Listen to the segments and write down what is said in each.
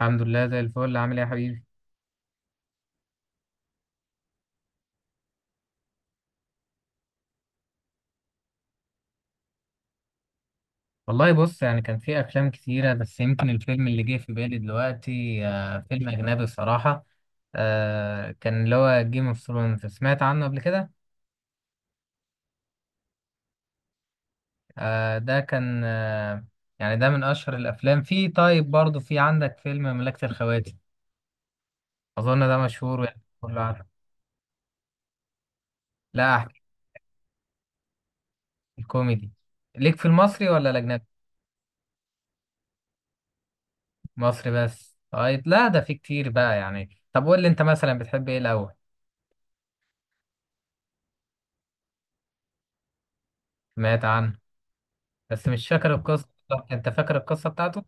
الحمد لله، زي الفل. عامل ايه يا حبيبي؟ والله بص، يعني كان في افلام كتيره بس يمكن الفيلم اللي جه في بالي دلوقتي فيلم اجنبي الصراحه. كان اللي هو جيم اوف ثرونز، سمعت عنه قبل كده؟ آه، ده كان. يعني ده من اشهر الافلام. طيب، برضه في عندك فيلم مملكه الخواتم؟ اظن ده مشهور، يعني كله عارف. لا، احكي. الكوميدي. ليك في المصري ولا الاجنبي؟ مصري بس. طيب، لا ده في كتير بقى، يعني طب قول لي، انت مثلا بتحب ايه الاول؟ سمعت عنه. بس مش فاكر القصة بالظبط. انت فاكر القصة بتاعته؟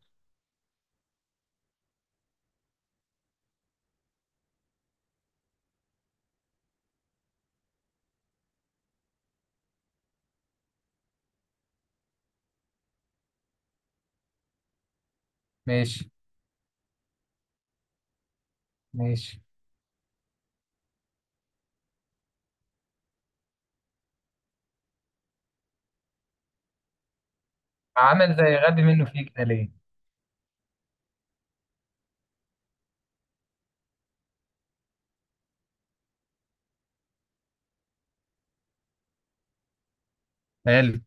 ماشي. ماشي. عمل زي غبي منه فيه كده ليه؟ حلو.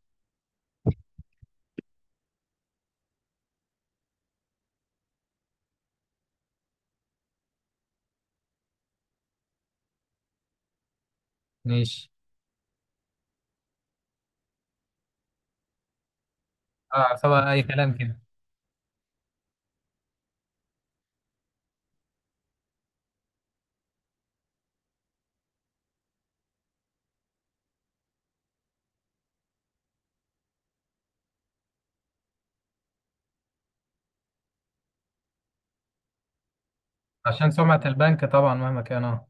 ماشي. اه، عصابة أي كلام كده. عشان سمعة البنك طبعا، مهما كان. اه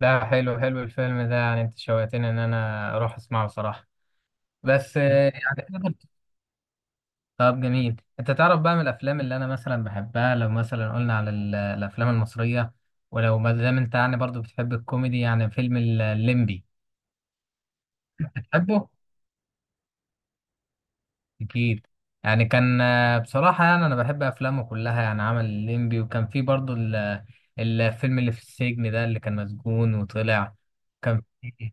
لا، حلو حلو الفيلم ده، يعني انت شوقتني ان انا اروح اسمعه صراحة. بس يعني طب جميل، انت تعرف بقى من الافلام اللي انا مثلا بحبها، لو مثلا قلنا على الافلام المصرية. ولو ما دام انت يعني برضو بتحب الكوميدي، يعني فيلم الليمبي. بتحبه؟ أكيد. يعني كان، بصراحة يعني أنا بحب أفلامه كلها، يعني عمل الليمبي وكان في برضو الفيلم اللي في السجن، ده اللي كان مسجون وطلع. كان في.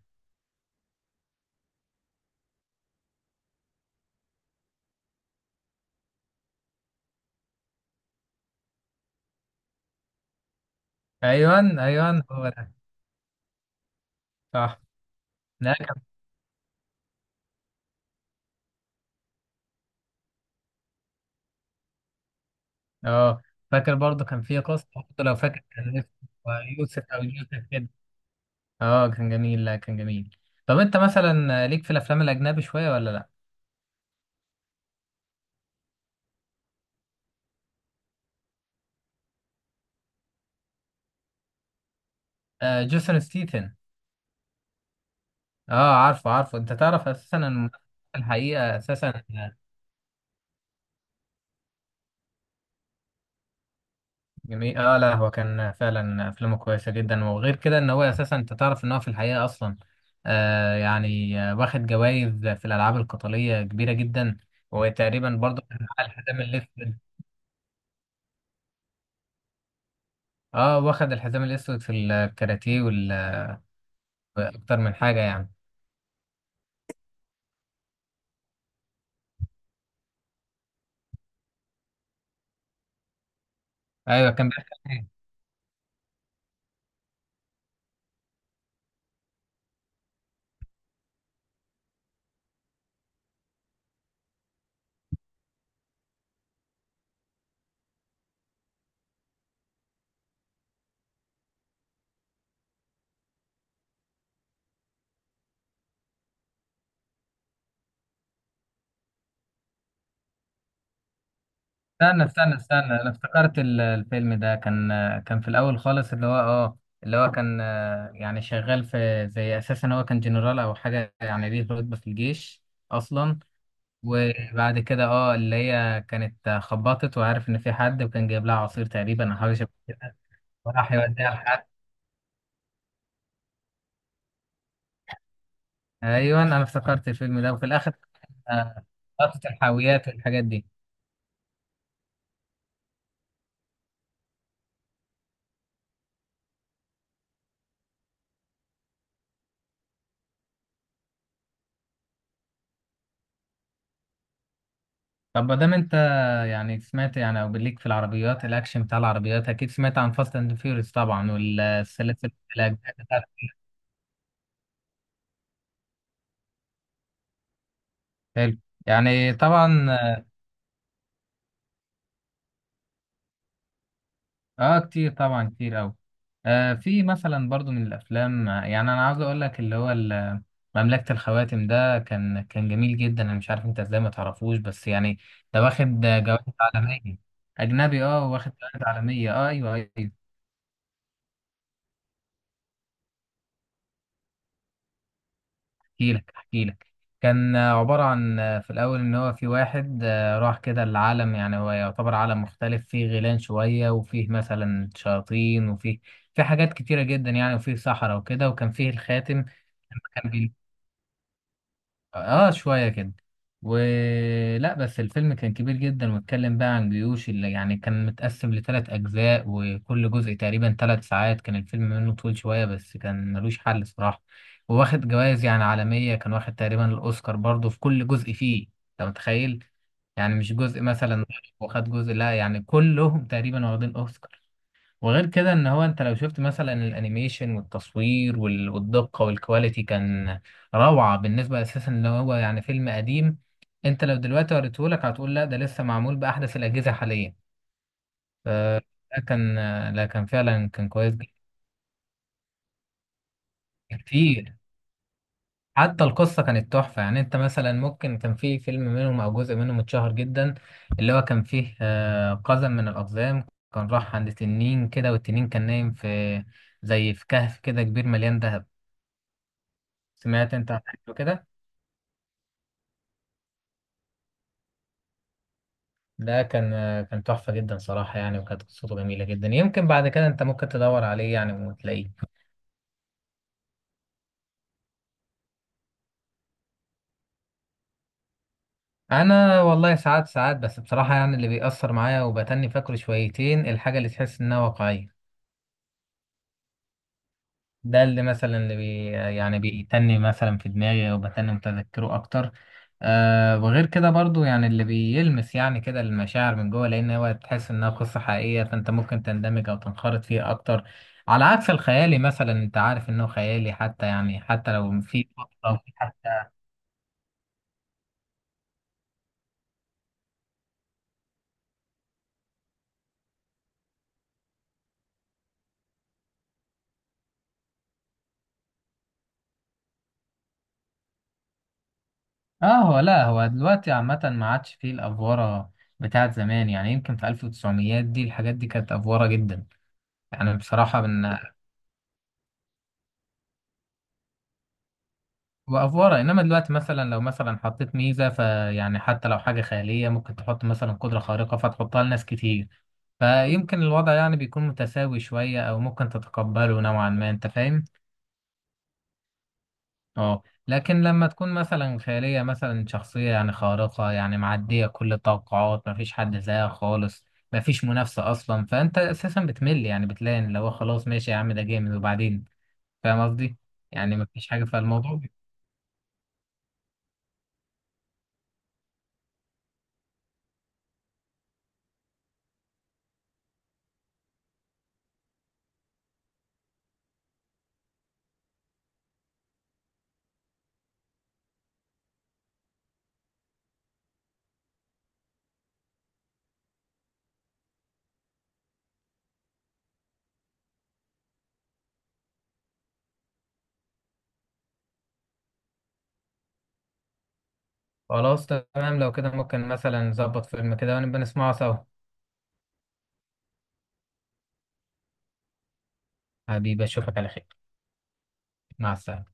أيوان، أيوان، هو ده. صح. لا، كان. أه. فاكر برضو كان في قصة برضو، لو فاكر كان اسمه يوسف أو يوسف كده. أه كان جميل، لا كان جميل. طب أنت مثلا ليك في الأفلام الأجنبي شوية ولا لأ؟ آه، جيسون ستيتن. أه، عارفه عارفه. أنت تعرف أساسا إن، الحقيقة أساسا. جميل، اه. لا هو كان فعلا افلامه كويسه جدا، وغير كده ان هو اساسا، انت تعرف ان هو في الحقيقه اصلا، يعني واخد جوائز في الالعاب القتاليه كبيره جدا. وتقريبا برضه كان معاه الحزام الاسود. اه، واخد الحزام الاسود في الكاراتيه واكتر من حاجه يعني. ايوه، كان بيحكي عن إيه؟ استنى، استنى، استنى. انا افتكرت الفيلم ده كان، كان في الاول خالص، اللي هو اللي هو كان، يعني شغال في زي، اساسا هو كان جنرال او حاجه، يعني ليه رتبه في الجيش اصلا. وبعد كده اللي هي كانت خبطت، وعارف ان في حد، وكان جايب لها عصير تقريبا او حاجه شبه كده. وراح يوديها لحد. ايوه، انا افتكرت الفيلم ده. وفي الاخر، آه، لقطه الحاويات والحاجات دي. طب ما دام انت، يعني سمعت يعني، او ليك في العربيات الاكشن بتاع العربيات، اكيد سمعت عن فاست اند فيوريوس طبعا والسلاسل. الأجزاء بتاعته. حلو. يعني طبعا. اه، كتير طبعا، كتير قوي. في مثلا برضو من الافلام، يعني انا عاوز اقول لك اللي هو مملكة الخواتم، ده كان جميل جدا، انا مش عارف انت ازاي ما تعرفوش، بس يعني ده واخد جوائز عالمية. اجنبي، اه، واخد جوائز عالمية. اه، ايوه، ايوه. احكي لك، احكي لك. كان، عبارة عن، في الاول ان هو في واحد، راح كده العالم، يعني هو يعتبر عالم مختلف، فيه غيلان شوية، وفيه مثلا شياطين، وفيه في حاجات كتيرة جدا، يعني وفيه صحراء وكده، وكان فيه الخاتم. كان كبير. اه شوية كده. ولا بس الفيلم كان كبير جدا، واتكلم بقى عن جيوش، اللي يعني كان متقسم لثلاث أجزاء، وكل جزء تقريبا 3 ساعات، كان الفيلم منه طويل شوية بس كان ملوش حل صراحة. وواخد جوائز يعني عالمية، كان واخد تقريبا الأوسكار برضه في كل جزء فيه. أنت متخيل؟ يعني مش جزء مثلا. واخد جزء، لا يعني كلهم تقريبا واخدين أوسكار. وغير كده ان هو، انت لو شفت مثلا الانيميشن والتصوير والدقة والكواليتي، كان روعة. بالنسبة اساسا ان هو يعني فيلم قديم، انت لو دلوقتي وريتهولك هتقول لا ده لسه معمول بأحدث الأجهزة حاليا. فده كان، لا كان فعلا كان كويس جدا. كتير. حتى القصة كانت تحفة، يعني انت مثلا ممكن كان في فيلم منهم او جزء منهم اتشهر جدا، اللي هو كان فيه، قزم من الأقزام، كان راح عند تنين كده، والتنين كان نايم في زي في كهف كده كبير مليان دهب. سمعت انت عن حاجه كده؟ ده كان، كان تحفه جدا صراحه، يعني وكانت قصته جميله جدا، يمكن بعد كده انت ممكن تدور عليه يعني وتلاقيه. انا والله ساعات ساعات، بس بصراحه يعني اللي بيأثر معايا وبتني فاكره شويتين الحاجه اللي تحس انها واقعيه. ده اللي مثلا، اللي بي يعني بيتني مثلا في دماغي، وبتني متذكره اكتر. وغير كده برضو، يعني اللي بيلمس يعني كده المشاعر من جوه، لان هو تحس انها قصة حقيقية فانت ممكن تندمج او تنخرط فيها اكتر. على عكس الخيالي مثلا، انت عارف انه خيالي، حتى يعني حتى لو في قصة او في حتى. اه. هو لا، هو دلوقتي عامة ما عادش فيه الافوارة بتاعت زمان، يعني يمكن في 1900 دي الحاجات دي كانت افوارة جدا. يعني بصراحة من، وافوره. انما دلوقتي مثلا لو مثلا حطيت ميزه، فيعني حتى لو حاجه خياليه ممكن تحط مثلا قدره خارقه فتحطها لناس كتير، فيمكن الوضع يعني بيكون متساوي شويه، او ممكن تتقبله نوعا ما، انت فاهم؟ اه. لكن لما تكون مثلا خياليه، مثلا شخصيه يعني خارقه يعني معديه كل التوقعات، مفيش حد زيها خالص، مفيش منافسه اصلا، فانت اساسا بتمل، يعني بتلاقي ان لو خلاص ماشي يا عم ده جامد وبعدين، فاهم قصدي؟ يعني مفيش حاجه فالموضوع. خلاص تمام، لو كده ممكن مثلا نظبط فيلم كده ونبقى نسمعه سوا. حبيبي، اشوفك على خير. مع السلامة.